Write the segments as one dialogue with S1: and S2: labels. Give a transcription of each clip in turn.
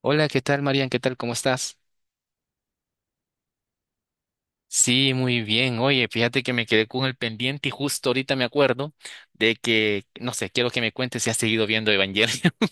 S1: Hola, ¿qué tal, Marian? ¿Qué tal? ¿Cómo estás? Sí, muy bien. Oye, fíjate que me quedé con el pendiente y justo ahorita me acuerdo de que, no sé, quiero que me cuentes si has seguido viendo Evangelion.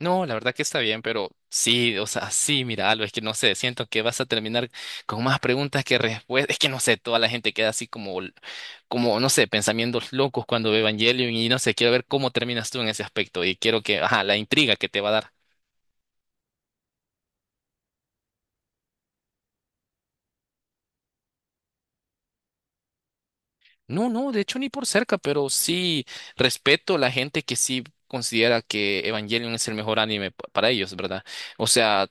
S1: No, la verdad que está bien, pero sí, o sea, sí, mira, algo es que no sé, siento que vas a terminar con más preguntas que respuestas. Es que no sé, toda la gente queda así como, no sé, pensamientos locos cuando ve Evangelion y no sé, quiero ver cómo terminas tú en ese aspecto y quiero que, ajá, la intriga que te va a dar. No, no, de hecho ni por cerca, pero sí respeto a la gente que sí considera que Evangelion es el mejor anime para ellos, ¿verdad? O sea,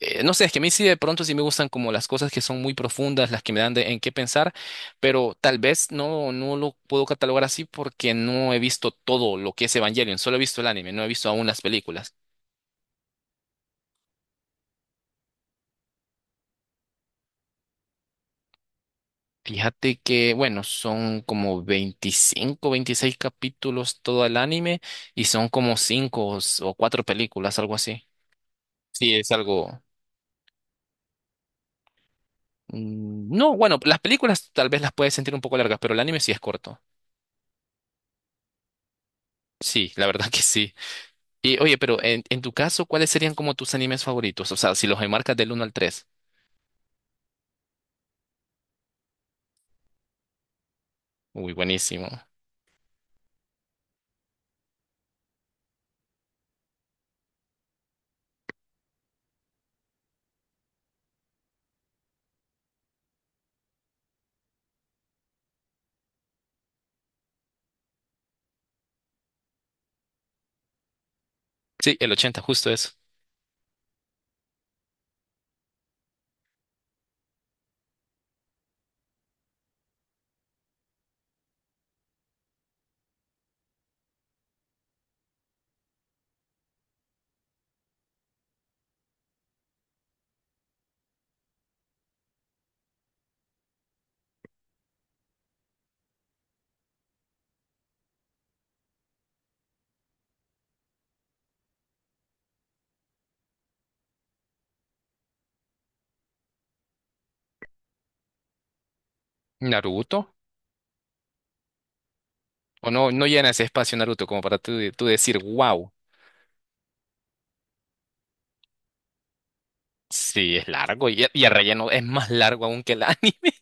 S1: no sé, es que a mí sí de pronto sí me gustan como las cosas que son muy profundas, las que me dan en qué pensar, pero tal vez no lo puedo catalogar así porque no he visto todo lo que es Evangelion, solo he visto el anime, no he visto aún las películas. Fíjate que, bueno, son como 25, 26 capítulos todo el anime y son como 5 o 4 películas, algo así. Sí, es algo. No, bueno, las películas tal vez las puedes sentir un poco largas, pero el anime sí es corto. Sí, la verdad que sí. Y oye, pero en tu caso, ¿cuáles serían como tus animes favoritos? O sea, si los enmarcas del uno al tres. Uy, buenísimo. Sí, el 80 justo eso. ¿Naruto? ¿O no llena ese espacio Naruto como para tú decir, wow? Sí, es largo y el relleno es más largo aún que el anime.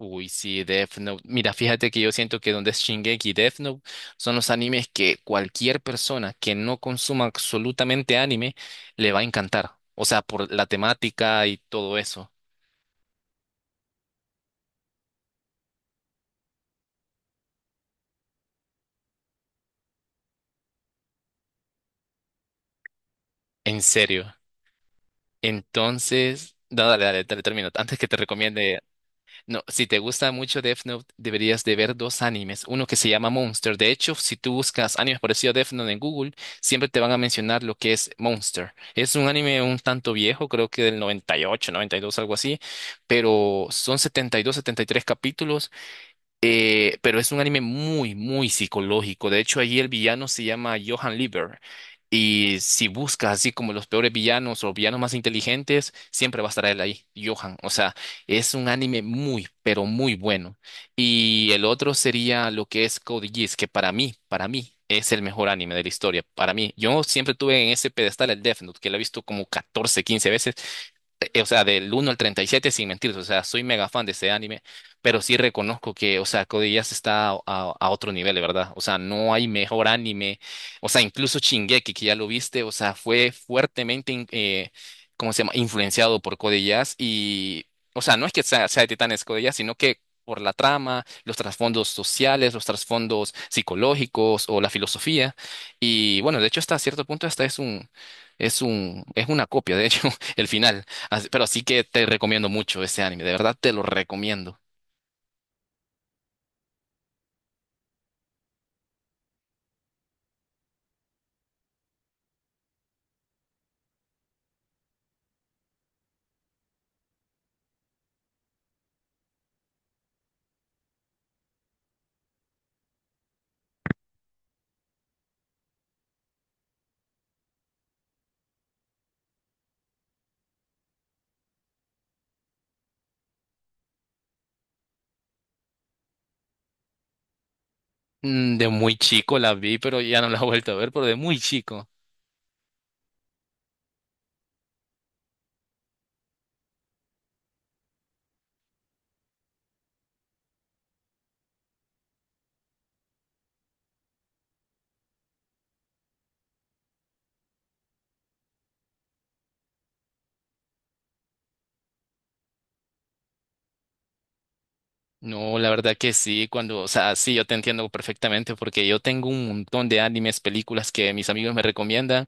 S1: Uy, sí, Death Note. Mira, fíjate que yo siento que donde es Shingeki y Death Note son los animes que cualquier persona que no consuma absolutamente anime le va a encantar. O sea, por la temática y todo eso. En serio. Entonces, no, dale, dale, dale, termino. Antes que te recomiende. No, si te gusta mucho Death Note, deberías de ver dos animes. Uno que se llama Monster. De hecho, si tú buscas animes parecidos a Death Note en Google, siempre te van a mencionar lo que es Monster. Es un anime un tanto viejo, creo que del 98, 92, algo así, pero son 72, 73 capítulos, pero es un anime muy, muy psicológico. De hecho, allí el villano se llama Johann Lieber. Y si buscas así como los peores villanos o villanos más inteligentes, siempre va a estar él ahí, Johan. O sea, es un anime muy, pero muy bueno. Y el otro sería lo que es Code Geass, que para mí, es el mejor anime de la historia. Para mí, yo siempre tuve en ese pedestal el Death Note, que lo he visto como 14 15 veces, o sea, del uno al 37 sin mentir, o sea, soy mega fan de este anime, pero sí reconozco que, o sea, Code Geass está a otro nivel, de verdad. O sea, no hay mejor anime, o sea, incluso Shingeki, que ya lo viste, o sea, fue fuertemente, ¿cómo se llama?, influenciado por Code Geass y, o sea, no es que sea de Titanes Code Geass, sino que por la trama, los trasfondos sociales, los trasfondos psicológicos o la filosofía. Y bueno, de hecho, hasta cierto punto, hasta es una copia, de hecho, el final. Pero sí que te recomiendo mucho ese anime, de verdad te lo recomiendo. De muy chico la vi, pero ya no la he vuelto a ver, pero de muy chico. No, la verdad que sí, cuando, o sea, sí, yo te entiendo perfectamente porque yo tengo un montón de animes, películas que mis amigos me recomiendan,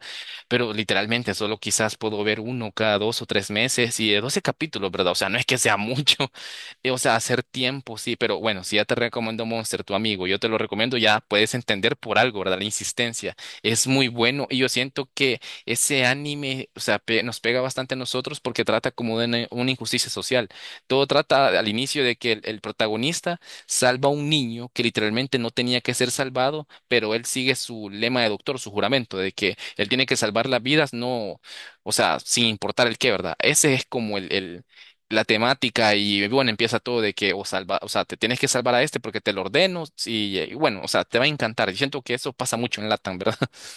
S1: pero literalmente solo quizás puedo ver uno cada 2 o 3 meses y de 12 capítulos, ¿verdad? O sea, no es que sea mucho, o sea, hacer tiempo, sí, pero bueno, si ya te recomiendo Monster, tu amigo, yo te lo recomiendo, ya puedes entender por algo, ¿verdad? La insistencia es muy bueno y yo siento que ese anime, o sea, nos pega bastante a nosotros porque trata como de una injusticia social. Todo trata al inicio de que el protagonista salva a un niño que literalmente no tenía que ser salvado, pero él sigue su lema de doctor, su juramento, de que él tiene que salvar las vidas, no, o sea, sin importar el qué, ¿verdad? Ese es como la temática y bueno, empieza todo de que o salva, o sea, te tienes que salvar a este porque te lo ordeno sí, y, bueno, o sea, te va a encantar. Yo siento que eso pasa mucho en Latam, ¿verdad?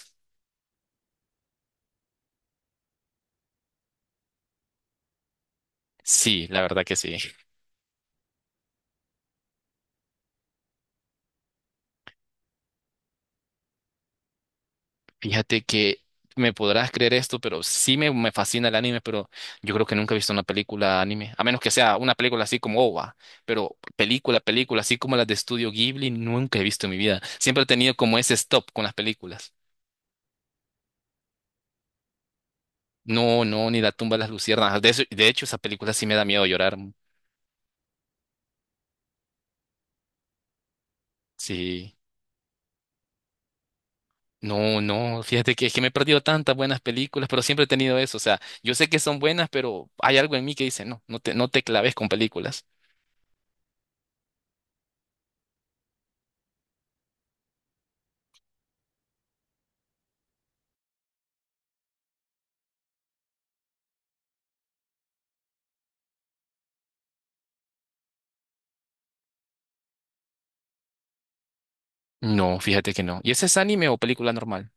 S1: Sí, la verdad que sí. Fíjate que me podrás creer esto, pero sí me fascina el anime, pero yo creo que nunca he visto una película anime, a menos que sea una película así como OVA, pero película, película, así como las de Estudio Ghibli, nunca he visto en mi vida. Siempre he tenido como ese stop con las películas. No, no, ni La tumba de las luciérnagas. De hecho, esa película sí me da miedo llorar. Sí. No, no, fíjate que es que me he perdido tantas buenas películas, pero siempre he tenido eso. O sea, yo sé que son buenas, pero hay algo en mí que dice, no, no te claves con películas. No, fíjate que no. ¿Y ese es anime o película normal?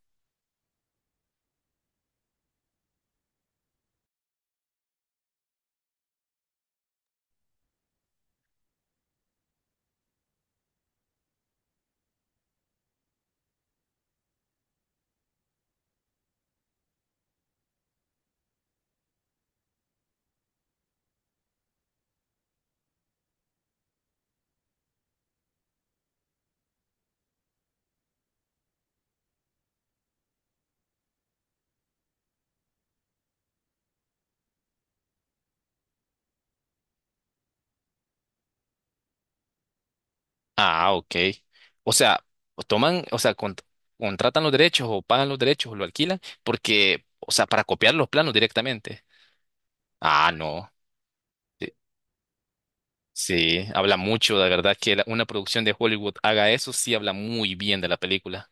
S1: Ah, ok. O sea, o toman, o sea, contratan los derechos o pagan los derechos o lo alquilan porque, o sea, para copiar los planos directamente. Ah, no. Sí, sí, habla mucho, la verdad que una producción de Hollywood haga eso, sí habla muy bien de la película.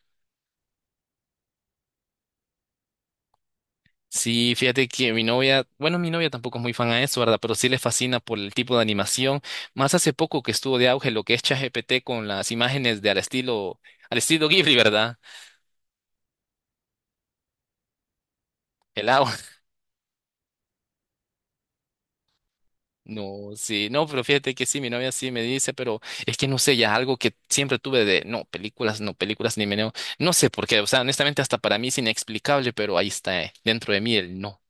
S1: Sí, fíjate que mi novia, bueno, mi novia tampoco es muy fan a eso, ¿verdad? Pero sí le fascina por el tipo de animación. Más hace poco que estuvo de auge lo que es ChatGPT con las imágenes de al estilo Ghibli, ¿verdad? El agua. No, sí, no, pero fíjate que sí, mi novia sí me dice, pero es que no sé, ya algo que siempre tuve de, no, películas, no, películas, ni meneo, no sé por qué, o sea, honestamente hasta para mí es inexplicable, pero ahí está, dentro de mí el no.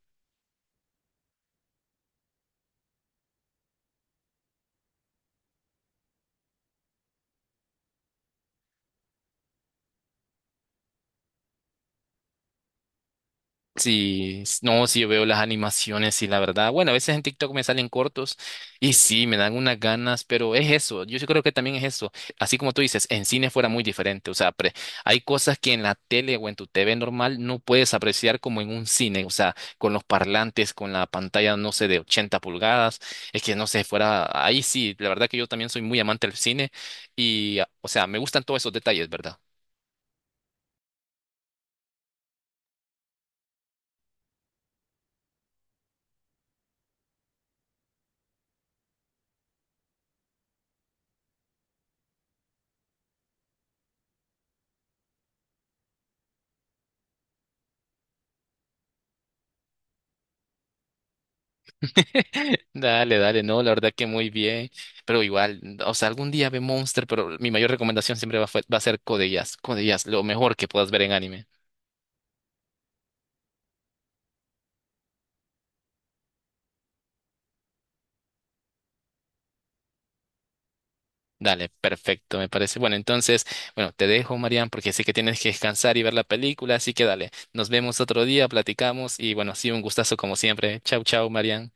S1: Sí, no, sí, yo veo las animaciones y la verdad, bueno, a veces en TikTok me salen cortos y sí, me dan unas ganas, pero es eso, yo sí creo que también es eso, así como tú dices, en cine fuera muy diferente, o sea, hay cosas que en la tele o en tu TV normal no puedes apreciar como en un cine, o sea, con los parlantes, con la pantalla, no sé, de 80 pulgadas, es que no sé, fuera, ahí sí, la verdad que yo también soy muy amante del cine y, o sea, me gustan todos esos detalles, ¿verdad? Dale, dale, no, la verdad que muy bien, pero igual, o sea, algún día ve Monster, pero mi mayor recomendación siempre va a ser Code Geass, Code Geass, lo mejor que puedas ver en anime. Dale, perfecto, me parece. Bueno, entonces, bueno, te dejo, Marian, porque sé que tienes que descansar y ver la película, así que dale, nos vemos otro día, platicamos y bueno, sí, un gustazo como siempre. Chau, chau, Marian.